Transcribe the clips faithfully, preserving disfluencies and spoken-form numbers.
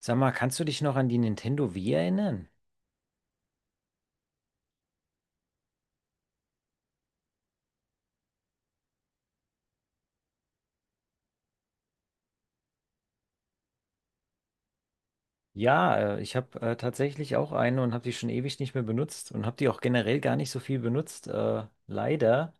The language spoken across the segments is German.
Sag mal, kannst du dich noch an die Nintendo Wii erinnern? Ja, äh, ich habe äh, tatsächlich auch eine und habe die schon ewig nicht mehr benutzt und habe die auch generell gar nicht so viel benutzt, äh, leider.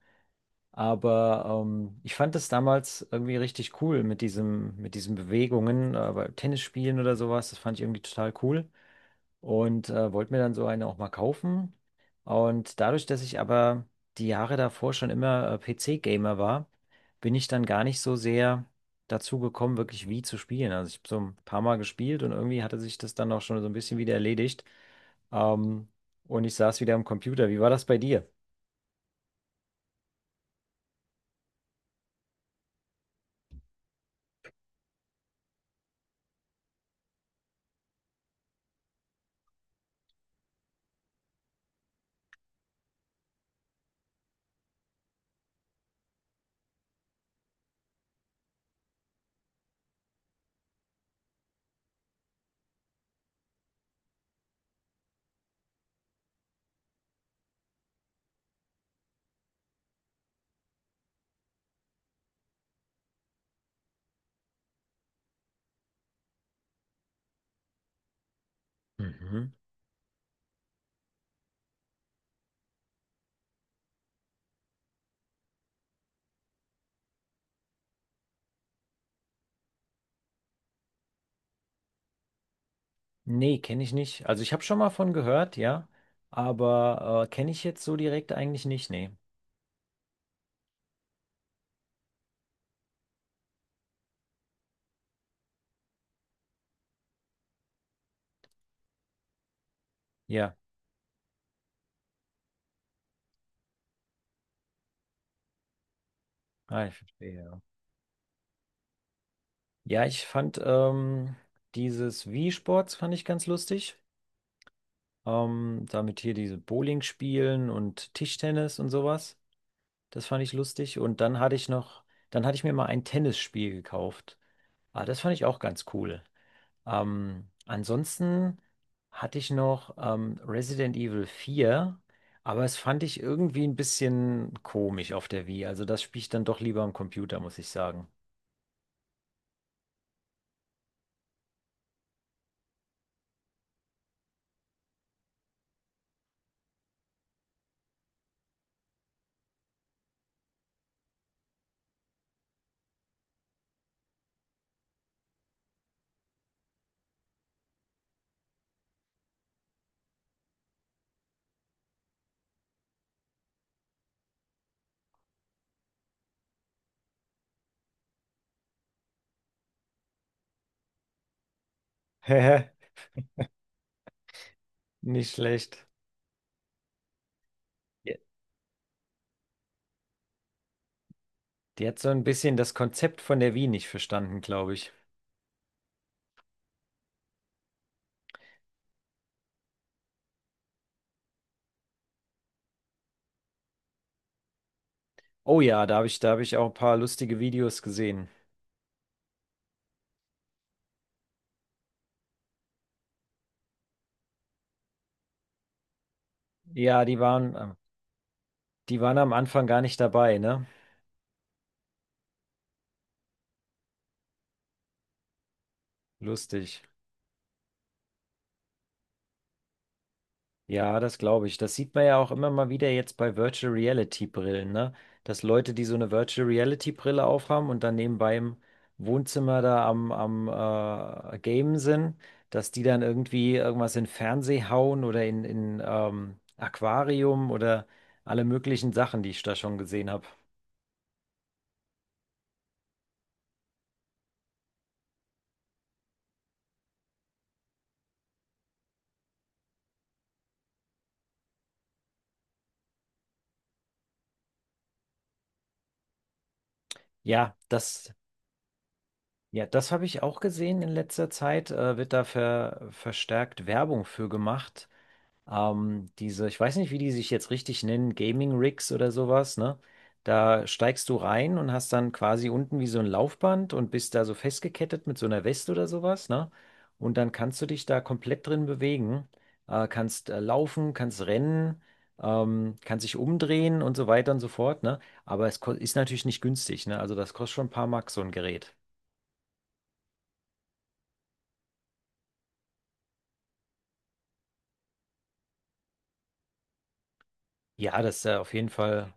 Aber ähm, ich fand das damals irgendwie richtig cool mit diesem, mit diesen Bewegungen, äh, bei Tennisspielen oder sowas. Das fand ich irgendwie total cool und äh, wollte mir dann so eine auch mal kaufen. Und dadurch, dass ich aber die Jahre davor schon immer äh, P C-Gamer war, bin ich dann gar nicht so sehr dazu gekommen, wirklich Wii zu spielen. Also ich habe so ein paar Mal gespielt und irgendwie hatte sich das dann auch schon so ein bisschen wieder erledigt. Ähm, und ich saß wieder am Computer. Wie war das bei dir? Mhm. Nee, kenne ich nicht. Also ich habe schon mal von gehört, ja, aber äh, kenne ich jetzt so direkt eigentlich nicht, nee. Ja, ah, ich verstehe. Ja, ja, ich fand ähm, dieses Wii-Sports fand ich ganz lustig. Ähm, damit hier diese Bowling spielen und Tischtennis und sowas. Das fand ich lustig. Und dann hatte ich noch, dann hatte ich mir mal ein Tennisspiel gekauft. Ah, das fand ich auch ganz cool. Ähm, ansonsten hatte ich noch ähm, Resident Evil vier, aber es fand ich irgendwie ein bisschen komisch auf der Wii. Also das spiele ich dann doch lieber am Computer, muss ich sagen. Nicht schlecht. Die die hat so ein bisschen das Konzept von der Wii nicht verstanden, glaube ich. Oh ja, da habe ich, da habe ich auch ein paar lustige Videos gesehen. Ja, die waren, äh, die waren am Anfang gar nicht dabei, ne? Lustig. Ja, das glaube ich. Das sieht man ja auch immer mal wieder jetzt bei Virtual Reality Brillen, ne? Dass Leute, die so eine Virtual Reality Brille aufhaben und dann nebenbei im Wohnzimmer da am, am äh, Gamen sind, dass die dann irgendwie irgendwas in Fernseh hauen oder in, in ähm, Aquarium oder alle möglichen Sachen, die ich da schon gesehen habe. Ja, das, ja, das habe ich auch gesehen in letzter Zeit. Äh, wird da ver, verstärkt Werbung für gemacht. Ähm, diese, ich weiß nicht, wie die sich jetzt richtig nennen, Gaming Rigs oder sowas, ne? Da steigst du rein und hast dann quasi unten wie so ein Laufband und bist da so festgekettet mit so einer Weste oder sowas, ne? Und dann kannst du dich da komplett drin bewegen, äh, kannst äh, laufen, kannst rennen, ähm, kannst dich umdrehen und so weiter und so fort, ne? Aber es ko- ist natürlich nicht günstig, ne? Also das kostet schon ein paar Mark, so ein Gerät. Ja, das äh, auf jeden Fall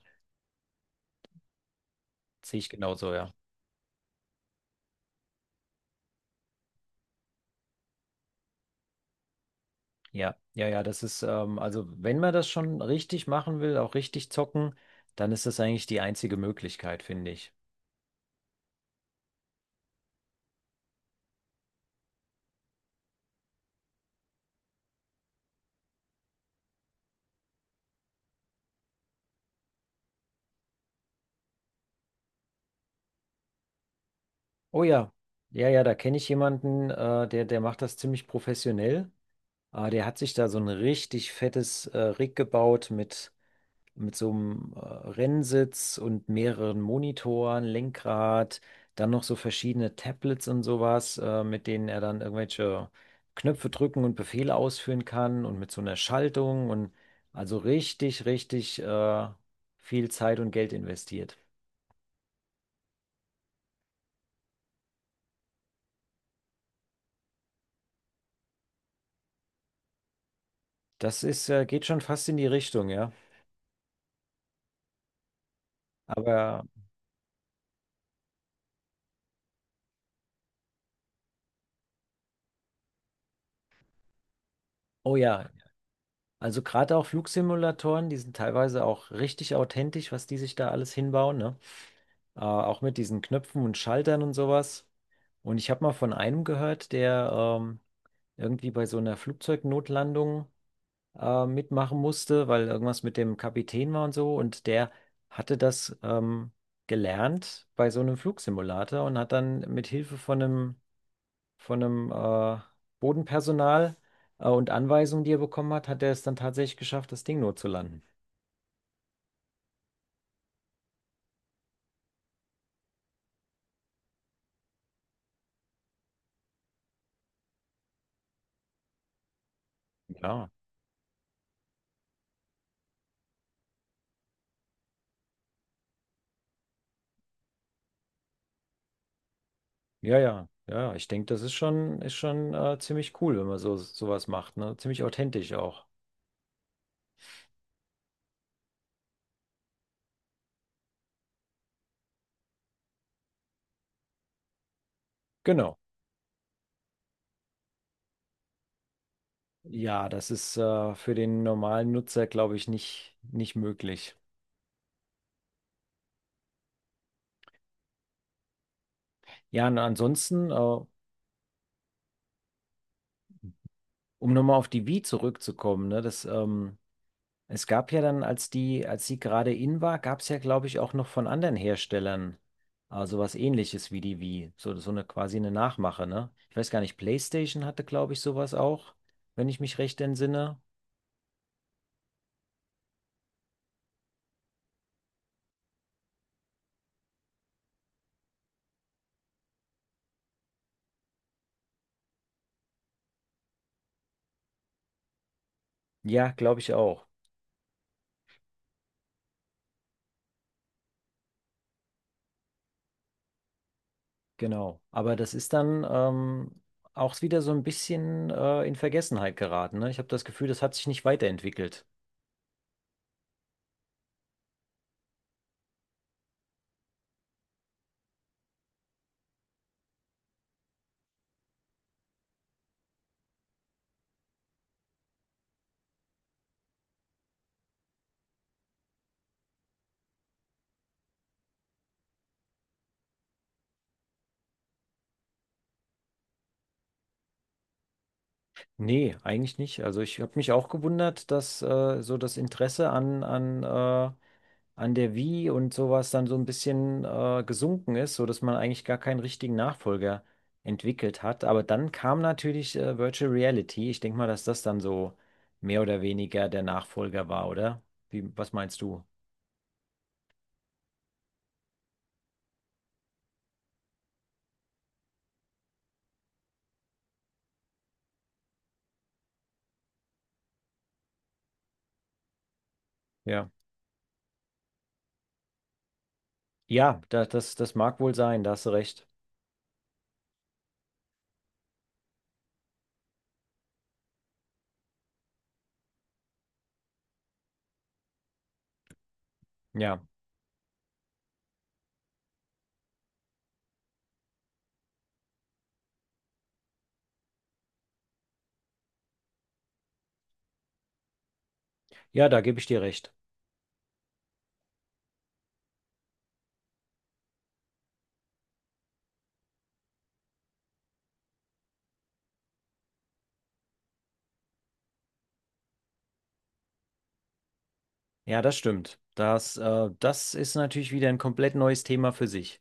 sehe ich genauso, ja. Ja, ja, ja, das ist, ähm, also wenn man das schon richtig machen will, auch richtig zocken, dann ist das eigentlich die einzige Möglichkeit, finde ich. Oh ja, ja, ja, da kenne ich jemanden, äh, der, der macht das ziemlich professionell. Äh, der hat sich da so ein richtig fettes, äh, Rig gebaut mit mit so einem äh, Rennsitz und mehreren Monitoren, Lenkrad, dann noch so verschiedene Tablets und sowas, äh, mit denen er dann irgendwelche Knöpfe drücken und Befehle ausführen kann und mit so einer Schaltung und also richtig, richtig äh, viel Zeit und Geld investiert. Das ist, äh, geht schon fast in die Richtung, ja. Aber, oh ja, also gerade auch Flugsimulatoren, die sind teilweise auch richtig authentisch, was die sich da alles hinbauen, ne? Äh, auch mit diesen Knöpfen und Schaltern und sowas. Und ich habe mal von einem gehört, der ähm, irgendwie bei so einer Flugzeugnotlandung äh, mitmachen musste, weil irgendwas mit dem Kapitän war und so. Und der hatte das ähm, gelernt bei so einem Flugsimulator und hat dann mit Hilfe von einem, von einem äh, Bodenpersonal äh, und Anweisungen, die er bekommen hat, hat er es dann tatsächlich geschafft, das Ding notzulanden. Ja, ja, ja, ja, ich denke, das ist schon, ist schon äh, ziemlich cool, wenn man so sowas macht, ne? Ziemlich authentisch auch. Genau. Ja, das ist äh, für den normalen Nutzer, glaube ich, nicht, nicht möglich. Ja, und ansonsten, äh, um nochmal auf die Wii zurückzukommen, ne, das, ähm, es gab ja dann, als die, als die gerade in war, gab es ja, glaube ich, auch noch von anderen Herstellern äh, sowas Ähnliches wie die Wii. So, so eine quasi eine Nachmache, ne? Ich weiß gar nicht, PlayStation hatte, glaube ich, sowas auch, wenn ich mich recht entsinne. Ja, glaube ich auch. Genau. Aber das ist dann ähm, auch wieder so ein bisschen äh, in Vergessenheit geraten. Ne? Ich habe das Gefühl, das hat sich nicht weiterentwickelt. Nee, eigentlich nicht. Also ich habe mich auch gewundert, dass äh, so das Interesse an, an, äh, an der Wii und sowas dann so ein bisschen äh, gesunken ist, sodass man eigentlich gar keinen richtigen Nachfolger entwickelt hat. Aber dann kam natürlich äh, Virtual Reality. Ich denke mal, dass das dann so mehr oder weniger der Nachfolger war, oder? Wie, was meinst du? Ja. Ja, das, das, das mag wohl sein, da hast du recht. Ja, ja, da gebe ich dir recht. Ja, das stimmt. Das, äh, das ist natürlich wieder ein komplett neues Thema für sich.